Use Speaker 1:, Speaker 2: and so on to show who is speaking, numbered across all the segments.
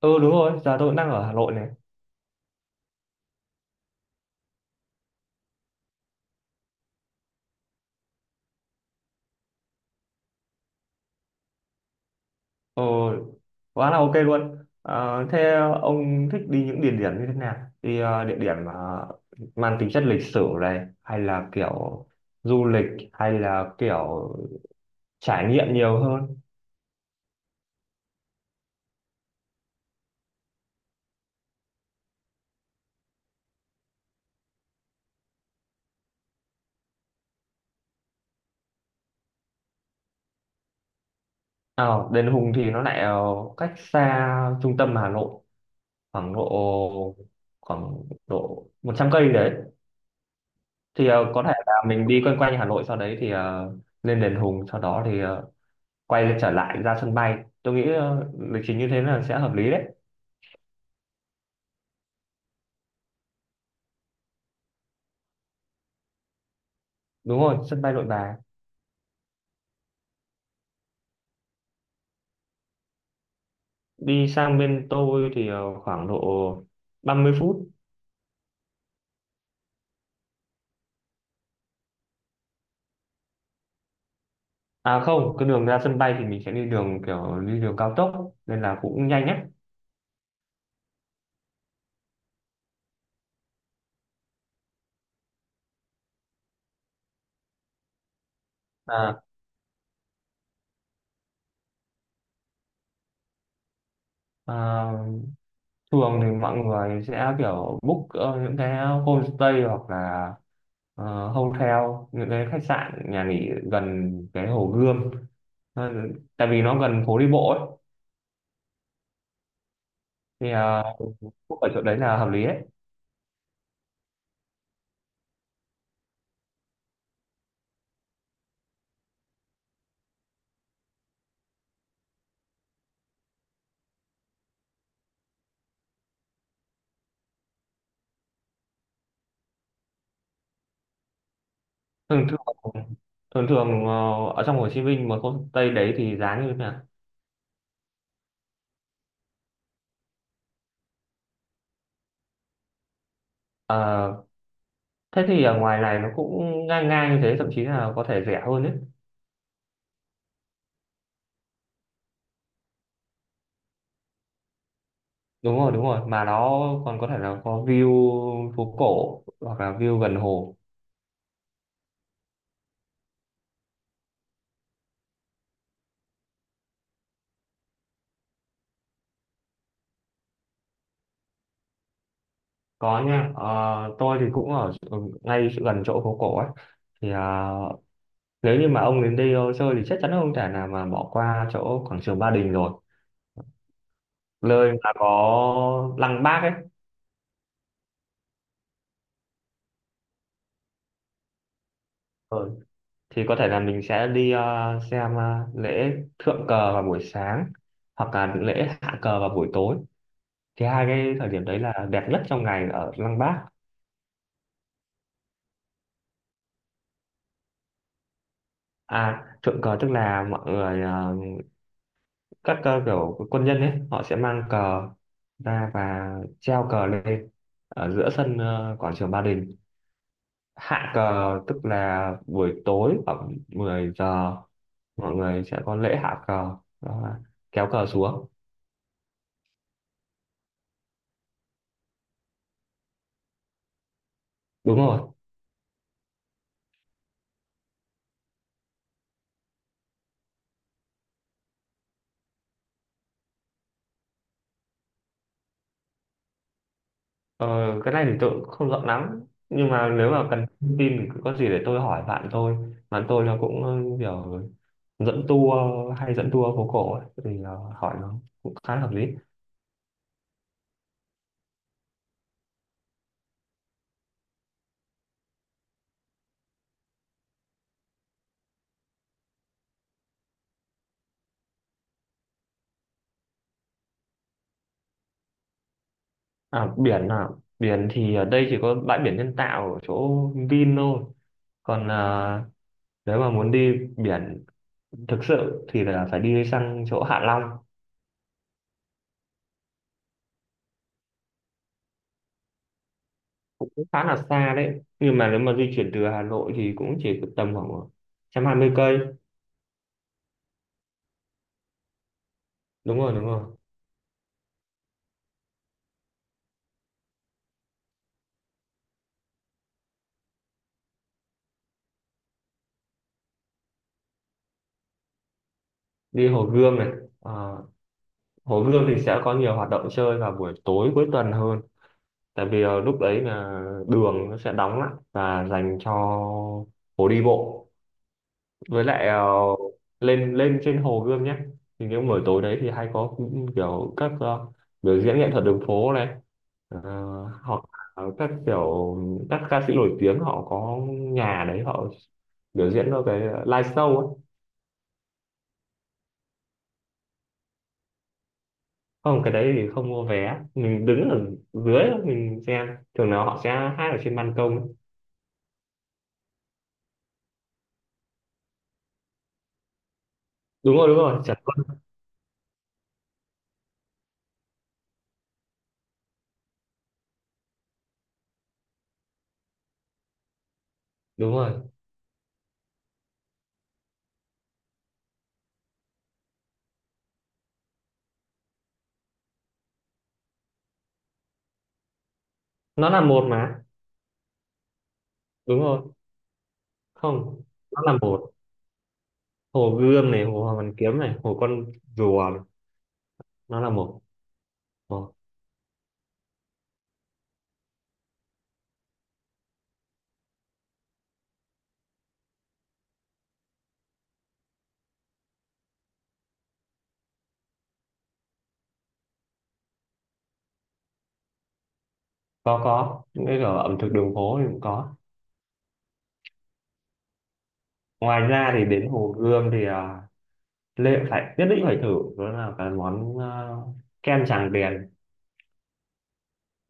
Speaker 1: Ừ đúng rồi, giờ tôi cũng đang ở Hà Nội này. Ừ, quá là ok luôn. Ờ, Thế ông thích đi những địa điểm như thế nào? Đi địa điểm mà mang tính chất lịch sử này hay là kiểu du lịch hay là kiểu trải nghiệm nhiều hơn? Ờ, Đền Hùng thì nó lại cách xa trung tâm Hà Nội khoảng độ khoảng độ 100 cây đấy. Thì có thể là mình đi quanh quanh Hà Nội sau đấy thì lên Đền Hùng sau đó thì quay trở lại ra sân bay tôi nghĩ lịch trình như thế là sẽ hợp lý đấy. Đúng rồi, sân bay Nội Bài. Đi sang bên tôi thì khoảng độ 30 phút. À không, cái đường ra sân bay thì mình sẽ đi đường kiểu đi đường cao tốc nên là cũng nhanh ấy. À, à, thường thì mọi người sẽ kiểu book những cái homestay hoặc là hotel, những cái khách sạn nhà nghỉ gần cái Hồ Gươm. Ờ, tại vì nó gần phố đi bộ ấy, thì book ở chỗ đấy là hợp lý đấy. Thường thường thường thường ở trong Hồ Chí Minh mà không Tây đấy thì giá như thế nào? Ờ, thế thì ở ngoài này nó cũng ngang ngang như thế, thậm chí là có thể rẻ hơn đấy. Đúng rồi, đúng rồi, mà nó còn có thể là có view phố cổ hoặc là view gần hồ. Có nha. Ờ, tôi thì cũng ở ngay gần chỗ phố cổ ấy, thì nếu như mà ông đến đây chơi thì chắc chắn là không thể nào mà bỏ qua chỗ quảng trường Ba Đình rồi, nơi mà có lăng Bác ấy. Ờ, thì có thể là mình sẽ đi xem lễ thượng cờ vào buổi sáng hoặc là lễ hạ cờ vào buổi tối, thì hai cái thời điểm đấy là đẹp nhất trong ngày ở Lăng Bác. À, thượng cờ tức là mọi người các kiểu quân nhân ấy họ sẽ mang cờ ra và treo cờ lên ở giữa sân quảng trường Ba Đình. Hạ cờ tức là buổi tối khoảng 10 giờ mọi người sẽ có lễ hạ cờ, đó là kéo cờ xuống. Đúng rồi. Ờ, cái này thì tôi cũng không rõ lắm, nhưng mà nếu mà cần thông tin thì cứ có gì để tôi hỏi bạn tôi. Bạn tôi là cũng kiểu dẫn tour, hay dẫn tour phố cổ ấy, thì là hỏi nó cũng khá hợp lý. À biển à? Biển thì ở đây chỉ có bãi biển nhân tạo ở chỗ Vin thôi, còn nếu mà muốn đi biển thực sự thì là phải đi sang chỗ Hạ Long. Cũng khá là xa đấy, nhưng mà nếu mà di chuyển từ Hà Nội thì cũng chỉ tầm khoảng 120 cây. Đúng rồi, đúng rồi. Đi Hồ Gươm này. Ờ, Hồ Gươm thì sẽ có nhiều hoạt động chơi vào buổi tối cuối tuần hơn, tại vì lúc đấy là đường nó sẽ đóng lại và dành cho phố đi bộ. Với lại lên lên trên Hồ Gươm nhé, thì những buổi tối đấy thì hay có kiểu các biểu diễn nghệ thuật đường phố này, ờ, hoặc là các kiểu các ca sĩ nổi tiếng họ có nhà đấy họ biểu diễn cho cái live show ấy. Không, cái đấy thì không mua vé, mình đứng ở dưới mình xem, thường nào họ sẽ hát ở trên ban công ấy. Đúng rồi, đúng rồi, Trần Tuấn. Đúng rồi, nó là một mà. Đúng rồi. Không, nó là một. Hồ Gươm này, Hồ Hoàn Kiếm này, Hồ Con Rùa này. Nó là một. Ồ, có những cái ở ẩm thực đường phố thì cũng có. Ngoài ra thì đến Hồ Gươm thì Lê phải nhất định phải thử, đó là cái món kem Tràng Tiền,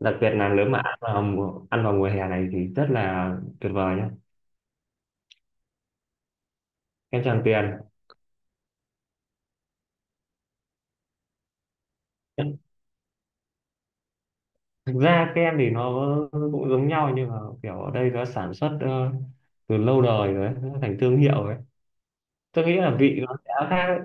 Speaker 1: đặc biệt là nếu mà ăn vào mùa hè này thì rất là tuyệt vời nhé. Kem Tràng Tiền. Thực ra kem thì nó cũng giống nhau, nhưng mà kiểu ở đây nó sản xuất từ lâu đời rồi ấy, nó thành thương hiệu ấy, tôi nghĩ là vị nó sẽ khác ấy.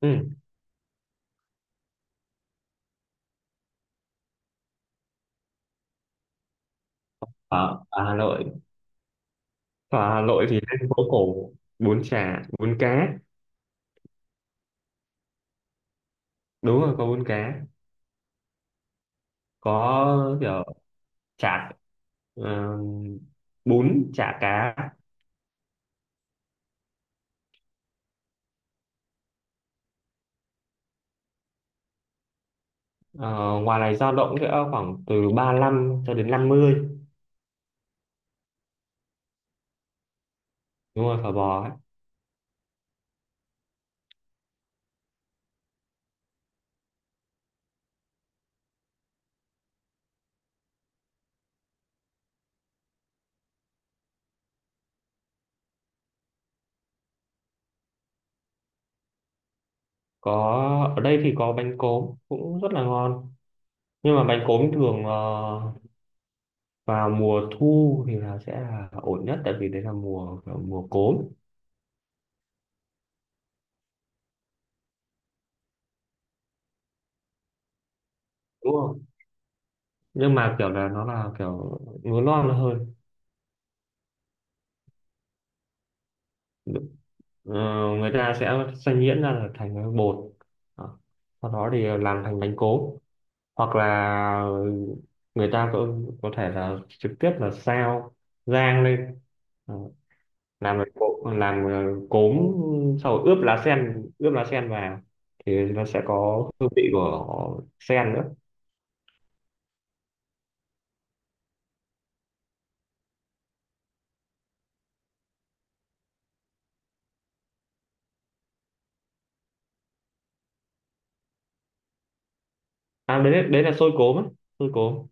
Speaker 1: Ừ. Ở Hà Nội. Ở Hà Nội thì lên phố cổ, bún chả, bún cá. Đúng rồi, có bún cá. Có kiểu chả, ờ, bún chả cá. Ờ, ngoài này dao động sẽ khoảng từ 35 cho đến 50. Đúng rồi, phở bò ấy. Có, ở đây thì có bánh cốm cũng rất là ngon, nhưng mà bánh cốm thường vào mùa thu thì là sẽ là ổn nhất, tại vì đấy là mùa kiểu mùa cốm. Đúng không? Nhưng mà kiểu là nó là kiểu lúa non hơn. Ờ, người ta sẽ xay nhuyễn ra là thành cái bột. Đó. Sau đó thì làm thành bánh cốm, hoặc là người ta có thể là trực tiếp là xào rang lên. Đó. Làm bánh cốm, làm cốm, sau ướp lá sen, ướp lá sen vào thì nó sẽ có hương vị của sen nữa. À, đấy đấy là xôi cốm ấy, xôi cốm.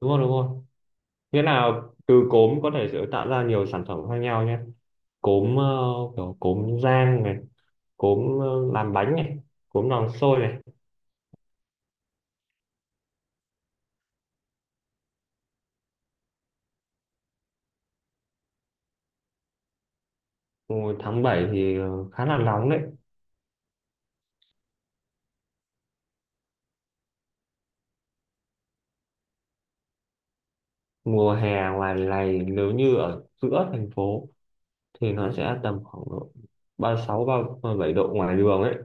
Speaker 1: Đúng rồi, đúng rồi, nghĩa là từ cốm có thể sẽ tạo ra nhiều sản phẩm khác nhau nhé. Cốm kiểu cốm rang này, cốm làm bánh này, cốm làm xôi này. Mùa tháng 7 thì khá là nóng đấy. Mùa hè ngoài này nếu như ở giữa thành phố thì nó sẽ tầm khoảng độ 36 bảy độ ngoài đường ấy.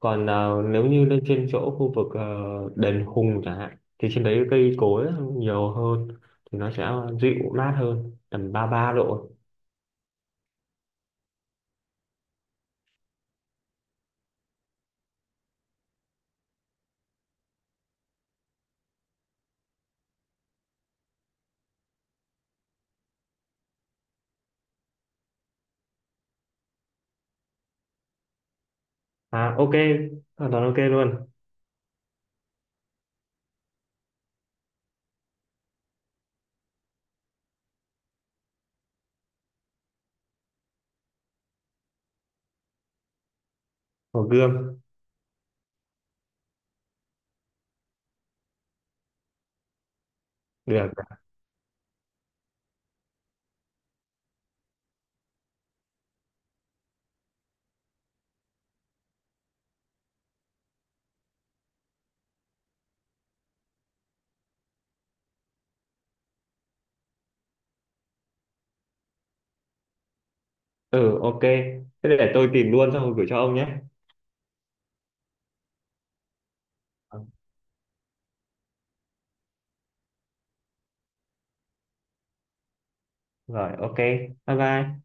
Speaker 1: Còn nếu như lên trên chỗ khu vực đền Hùng chẳng hạn thì trên đấy cây cối nhiều hơn, thì nó sẽ dịu mát hơn, tầm 33 độ. À ok, hoàn toàn ok luôn. Hồ Gươm. Được. Ừ ok, thế để tôi tìm luôn xong rồi gửi cho ông nhé. Ờ, rồi ok, bye bye.